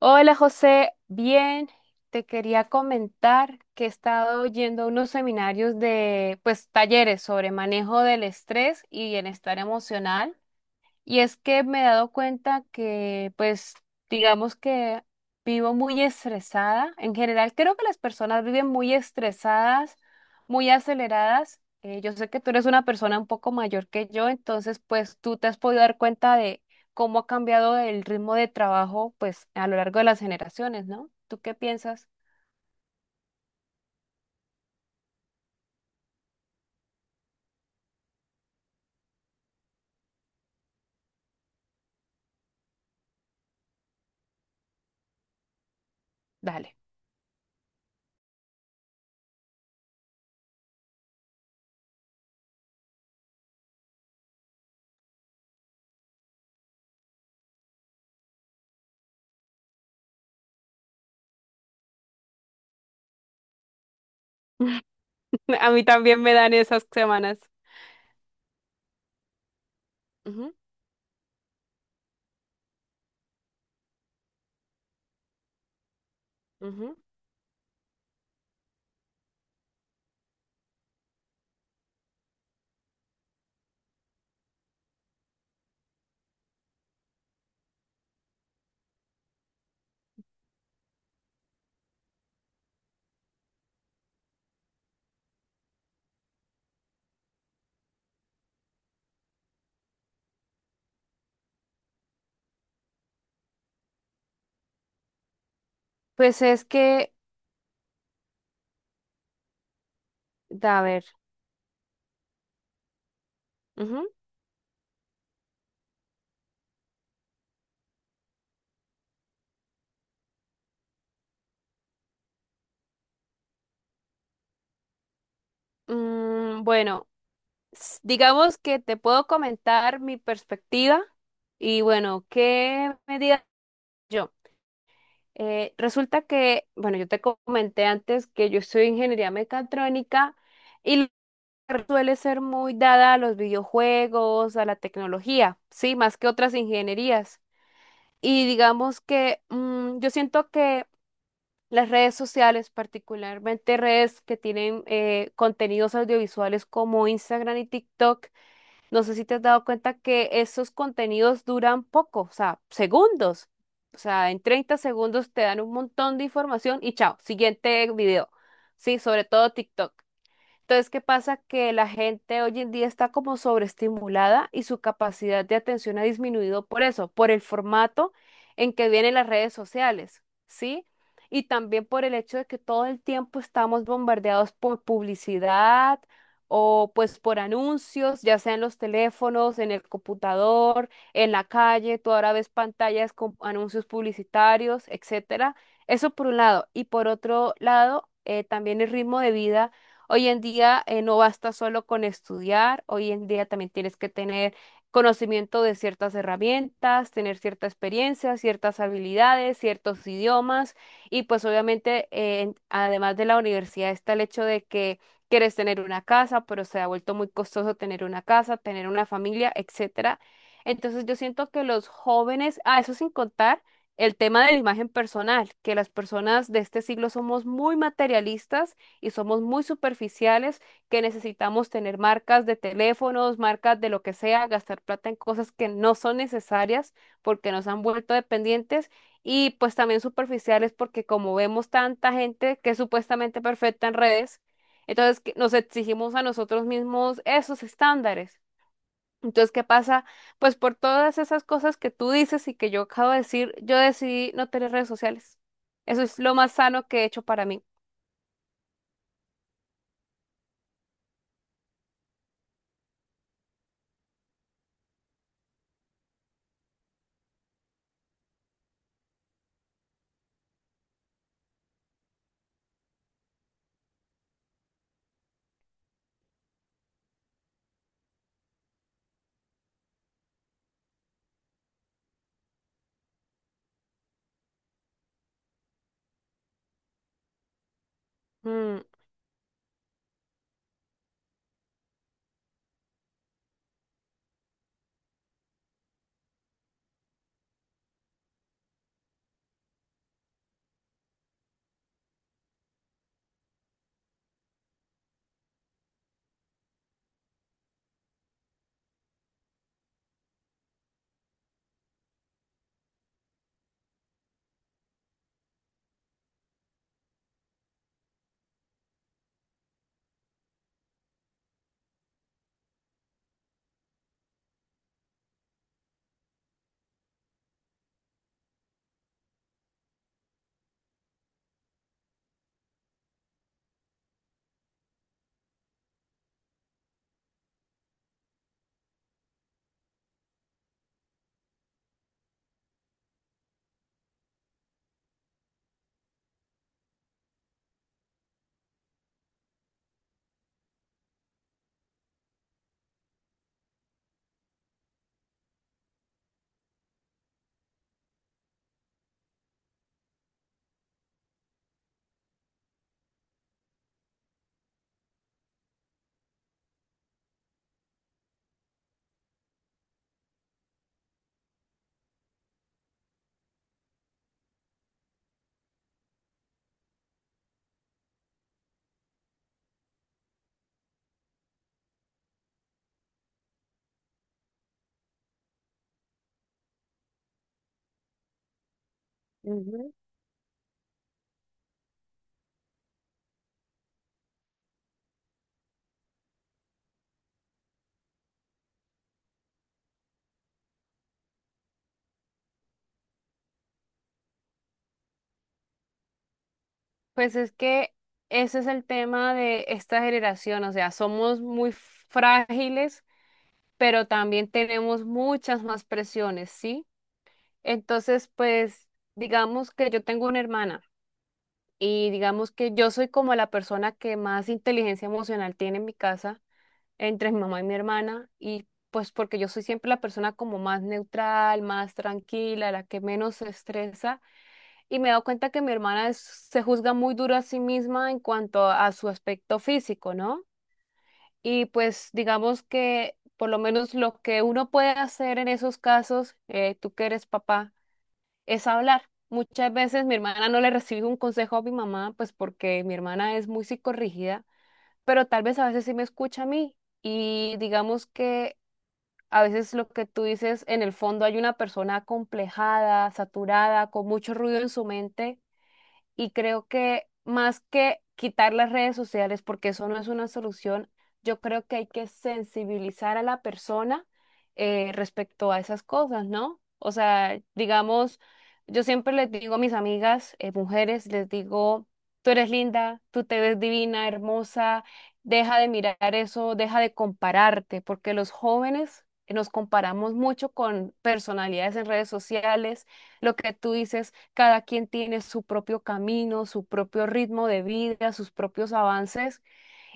Hola José, bien, te quería comentar que he estado yendo a unos seminarios de, pues, talleres sobre manejo del estrés y bienestar emocional. Y es que me he dado cuenta que, pues, digamos que vivo muy estresada. En general, creo que las personas viven muy estresadas, muy aceleradas. Yo sé que tú eres una persona un poco mayor que yo, entonces, pues, tú te has podido dar cuenta de cómo ha cambiado el ritmo de trabajo, pues, a lo largo de las generaciones, ¿no? ¿Tú qué piensas? Dale. A mí también me dan esas semanas. Ujú, ujú. Pues es que, da, a ver. Ujú, mm, bueno. Digamos que te puedo comentar mi perspectiva y bueno, ¿qué me digas yo? Resulta que, bueno, yo te comenté antes que yo estudio ingeniería mecatrónica y la carrera suele ser muy dada a los videojuegos, a la tecnología, sí, más que otras ingenierías. Y digamos que yo siento que las redes sociales, particularmente redes que tienen contenidos audiovisuales como Instagram y TikTok. No sé si te has dado cuenta que esos contenidos duran poco, o sea, segundos. O sea, en 30 segundos te dan un montón de información y chao, siguiente video. Sí, sobre todo TikTok. Entonces, ¿qué pasa? Que la gente hoy en día está como sobreestimulada y su capacidad de atención ha disminuido por eso, por el formato en que vienen las redes sociales, ¿sí? Y también por el hecho de que todo el tiempo estamos bombardeados por publicidad o pues por anuncios, ya sea en los teléfonos, en el computador, en la calle, tú ahora ves pantallas con anuncios publicitarios, etcétera. Eso por un lado. Y por otro lado, también el ritmo de vida. Hoy en día no basta solo con estudiar, hoy en día también tienes que tener conocimiento de ciertas herramientas, tener cierta experiencia, ciertas habilidades, ciertos idiomas y pues obviamente además de la universidad está el hecho de que quieres tener una casa, pero se ha vuelto muy costoso tener una casa, tener una familia, etcétera. Entonces yo siento que los jóvenes, a eso sin contar el tema de la imagen personal, que las personas de este siglo somos muy materialistas y somos muy superficiales, que necesitamos tener marcas de teléfonos, marcas de lo que sea, gastar plata en cosas que no son necesarias porque nos han vuelto dependientes y pues también superficiales porque como vemos tanta gente que es supuestamente perfecta en redes, entonces que nos exigimos a nosotros mismos esos estándares. Entonces, ¿qué pasa? Pues por todas esas cosas que tú dices y que yo acabo de decir, yo decidí no tener redes sociales. Eso es lo más sano que he hecho para mí. Mm, ujú. Pues es que ese es el tema de esta generación, o sea, somos muy frágiles, pero también tenemos muchas más presiones, ¿sí? Entonces, pues digamos que yo tengo una hermana y digamos que yo soy como la persona que más inteligencia emocional tiene en mi casa, entre mi mamá y mi hermana, y pues porque yo soy siempre la persona como más neutral, más tranquila, la que menos se estresa. Y me he dado cuenta que mi hermana se juzga muy duro a sí misma en cuanto a su aspecto físico, ¿no? Y pues digamos que por lo menos lo que uno puede hacer en esos casos, tú que eres papá, es hablar. Muchas veces mi hermana no le recibe un consejo a mi mamá, pues porque mi hermana es muy psicorrígida, pero tal vez a veces sí me escucha a mí. Y digamos que a veces lo que tú dices, en el fondo hay una persona acomplejada, saturada, con mucho ruido en su mente y creo que más que quitar las redes sociales, porque eso no es una solución, yo creo que hay que sensibilizar a la persona respecto a esas cosas, ¿no? O sea, digamos, yo siempre les digo a mis amigas, mujeres, les digo, tú eres linda, tú te ves divina, hermosa, deja de mirar eso, deja de compararte, porque los jóvenes nos comparamos mucho con personalidades en redes sociales. Lo que tú dices, cada quien tiene su propio camino, su propio ritmo de vida, sus propios avances.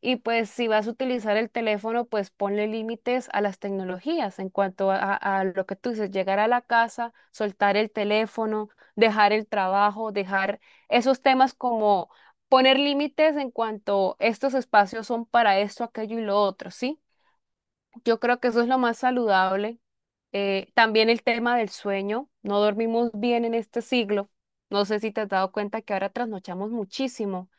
Y pues si vas a utilizar el teléfono, pues ponle límites a las tecnologías en cuanto lo que tú dices, llegar a la casa, soltar el teléfono, dejar el trabajo, dejar esos temas como poner límites en cuanto estos espacios son para esto, aquello y lo otro, ¿sí? Yo creo que eso es lo más saludable. También el tema del sueño, no dormimos bien en este siglo. No sé si te has dado cuenta que ahora trasnochamos muchísimo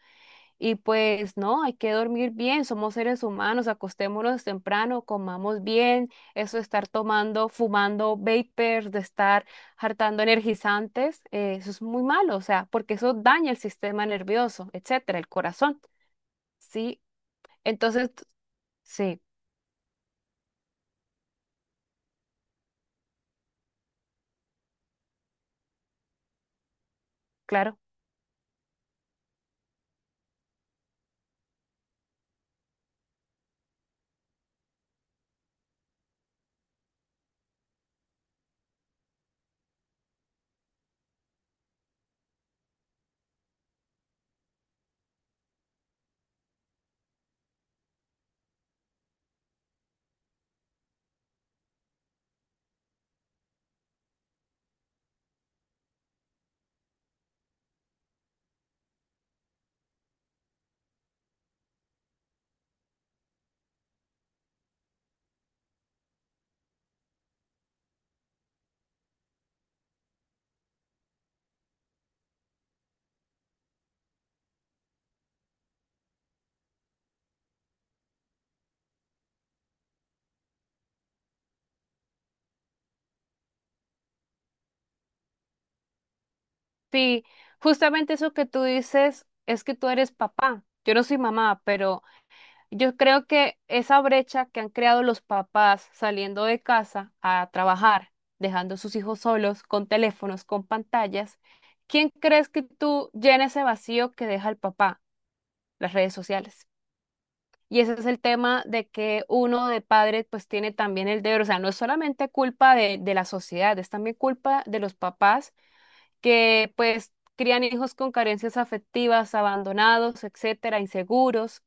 y pues no, hay que dormir bien, somos seres humanos, acostémonos temprano, comamos bien, eso de estar tomando, fumando vapers, de estar hartando energizantes, eso es muy malo, o sea, porque eso daña el sistema nervioso, etcétera, el corazón, ¿sí? Entonces, sí, claro. Sí, justamente eso que tú dices es que tú eres papá. Yo no soy mamá, pero yo creo que esa brecha que han creado los papás saliendo de casa a trabajar, dejando a sus hijos solos, con teléfonos, con pantallas, ¿quién crees que tú llena ese vacío que deja el papá? Las redes sociales. Y ese es el tema de que uno de padre pues tiene también el deber, o sea, no es solamente culpa de la sociedad, es también culpa de los papás que pues crían hijos con carencias afectivas, abandonados, etcétera, inseguros.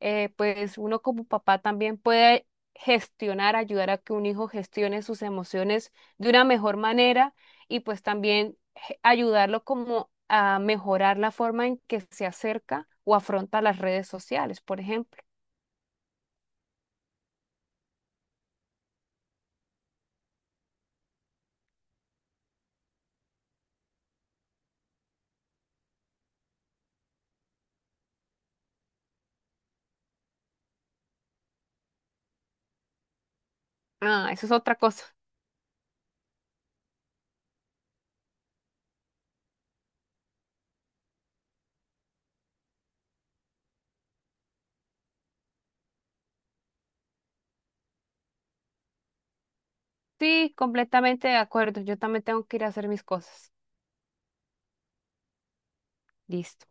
Pues uno como papá también puede gestionar, ayudar a que un hijo gestione sus emociones de una mejor manera y pues también ayudarlo como a mejorar la forma en que se acerca o afronta las redes sociales, por ejemplo. Ah, eso es otra cosa. Sí, completamente de acuerdo. Yo también tengo que ir a hacer mis cosas. Listo.